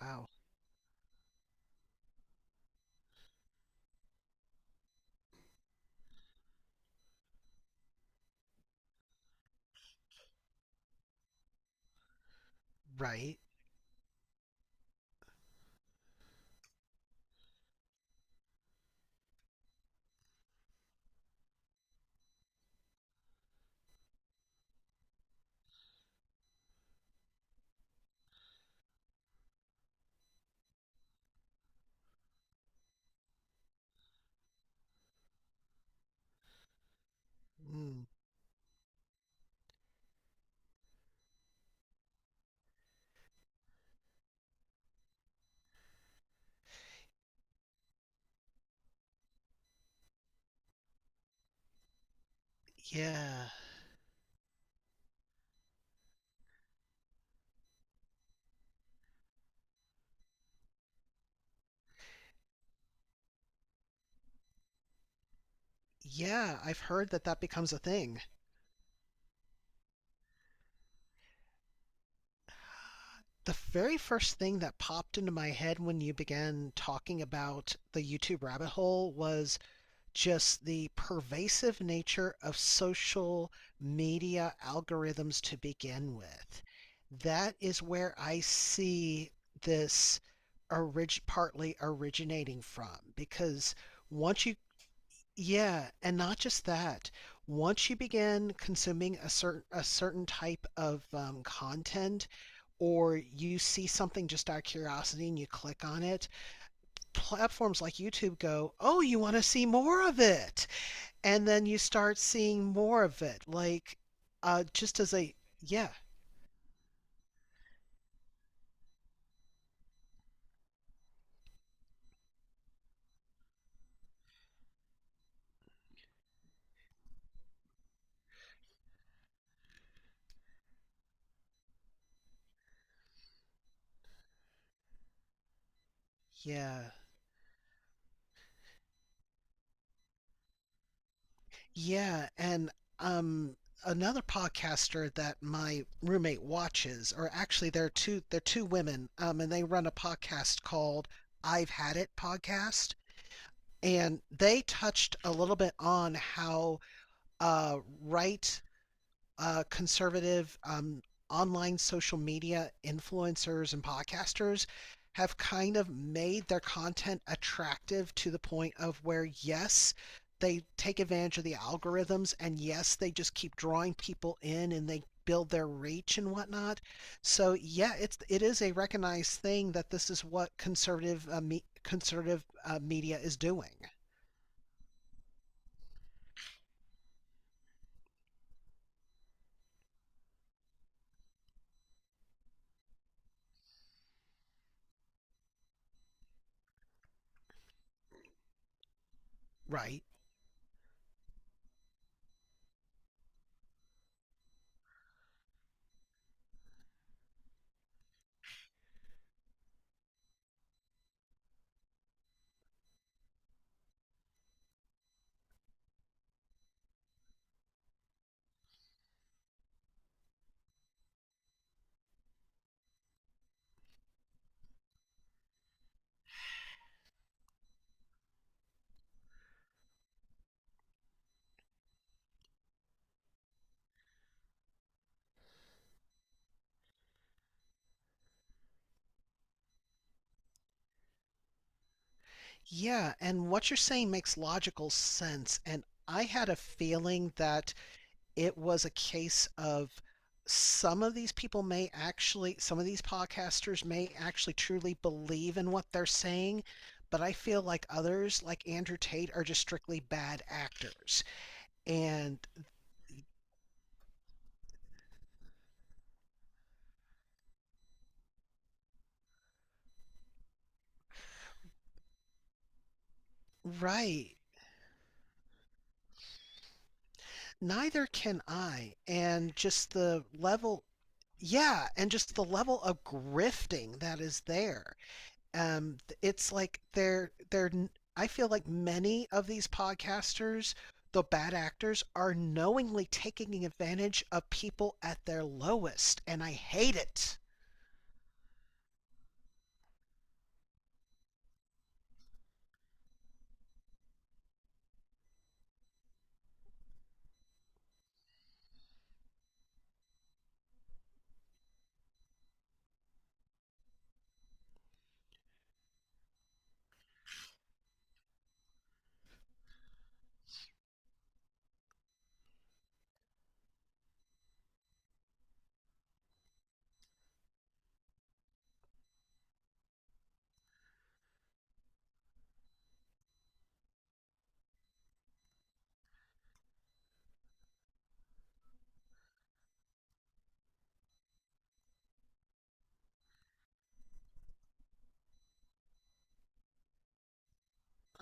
Wow. Right? Mm, yeah. Yeah, I've heard that that becomes a thing. The very first thing that popped into my head when you began talking about the YouTube rabbit hole was just the pervasive nature of social media algorithms to begin with. That is where I see this partly originating from. Because once you Yeah, and not just that. Once you begin consuming a certain type of content, or you see something just out of curiosity and you click on it, platforms like YouTube go, "Oh, you want to see more of it," and then you start seeing more of it. Like, just as a yeah, yeah. Yeah, and um another podcaster that my roommate watches, or actually there are two they're two women, and they run a podcast called I've Had It podcast. And they touched a little bit on how uh, right conservative online social media influencers and podcasters have kind of made their content attractive to the point of where, yes, they take advantage of the algorithms, and yes, they just keep drawing people in and they build their reach and whatnot. So yeah, it is a recognized thing that this is what conservative media is doing, right? Yeah, and what you're saying makes logical sense. And I had a feeling that it was a case of some of these podcasters may actually truly believe in what they're saying, but I feel like others, like Andrew Tate, are just strictly bad actors. And Right, neither can I. And just the level, yeah, and just the level of grifting that is there. Um it's like they're n- I feel like many of these podcasters, the bad actors, are knowingly taking advantage of people at their lowest, and I hate it.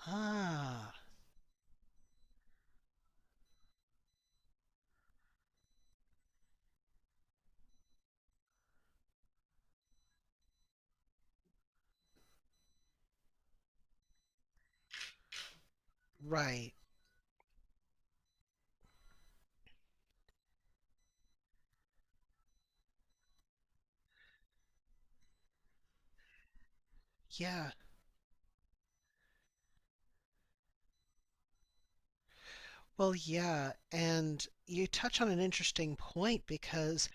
Ah. Right. Yeah. Well, yeah, and you touch on an interesting point because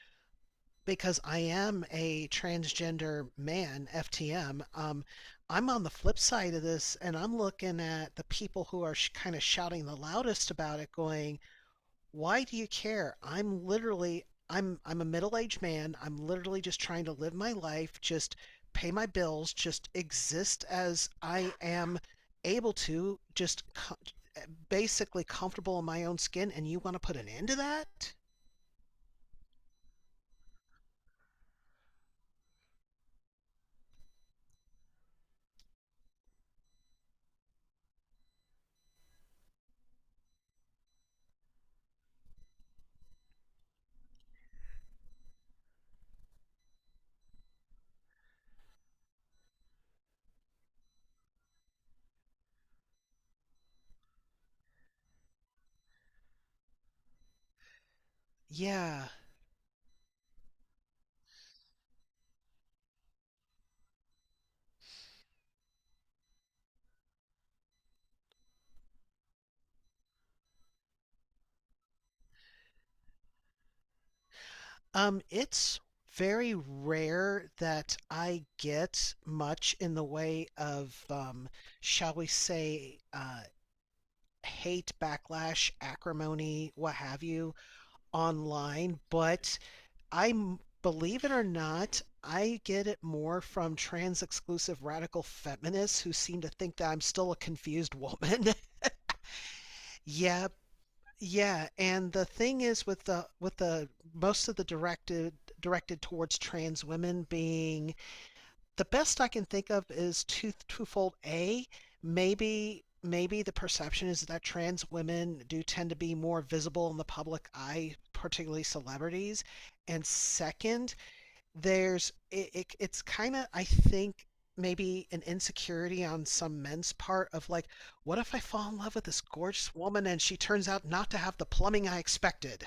I am a transgender man, FTM. I'm on the flip side of this, and I'm looking at the people who are kind of shouting the loudest about it, going, "Why do you care? I'm a middle-aged man. I'm literally just trying to live my life, just pay my bills, just exist as I am able to, basically comfortable in my own skin, and you want to put an end to that?" Yeah. It's very rare that I get much in the way of, shall we say, hate, backlash, acrimony, what have you online, but I believe it or not, I get it more from trans exclusive radical feminists who seem to think that I'm still a confused woman. Yeah, yeah, and the thing is, with the most of the directed towards trans women being, the best I can think of, is twofold. A, maybe the perception is that trans women do tend to be more visible in the public eye, particularly celebrities. And second, there's it, it it's kind of, I think, maybe an insecurity on some men's part of like, what if I fall in love with this gorgeous woman and she turns out not to have the plumbing I expected?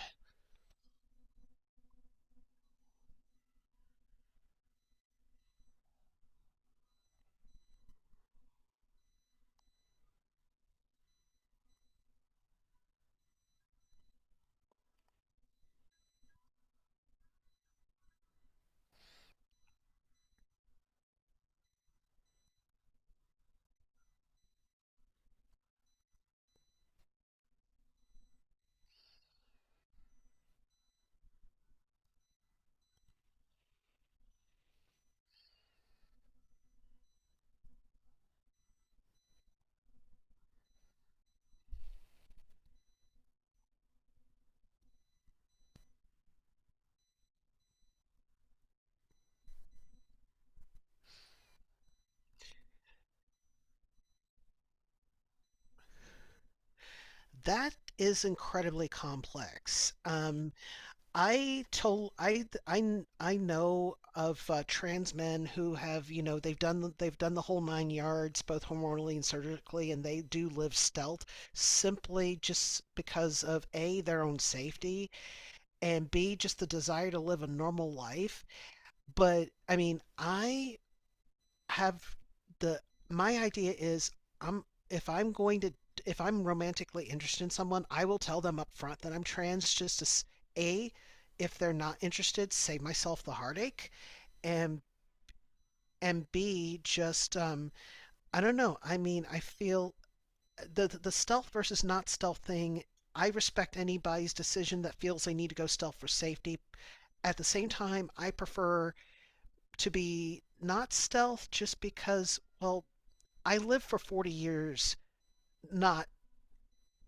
That is incredibly complex. I told I know of trans men who have they've done the whole nine yards, both hormonally and surgically, and they do live stealth, simply just because of A, their own safety, and B, just the desire to live a normal life. But I mean, I have the my idea is I'm if I'm going to if I'm romantically interested in someone, I will tell them up front that I'm trans just to, A, if they're not interested, save myself the heartache, and B, just, I don't know. I mean, I feel the stealth versus not stealth thing. I respect anybody's decision that feels they need to go stealth for safety. At the same time, I prefer to be not stealth just because, well, I live for 40 years not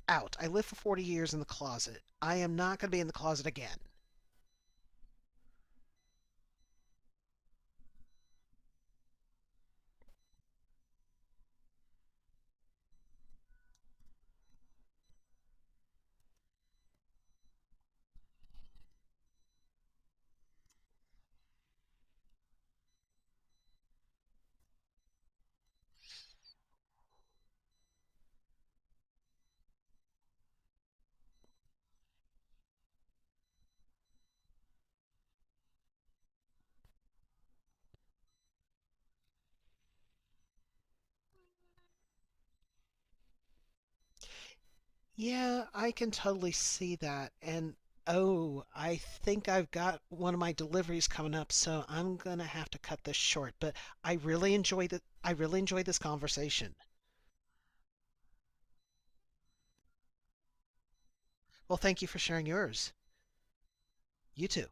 out. I live for 40 years in the closet. I am not going to be in the closet again. Yeah, I can totally see that. And oh, I think I've got one of my deliveries coming up, so I'm going to have to cut this short, but I really enjoyed it. I really enjoyed this conversation. Well, thank you for sharing yours. You too.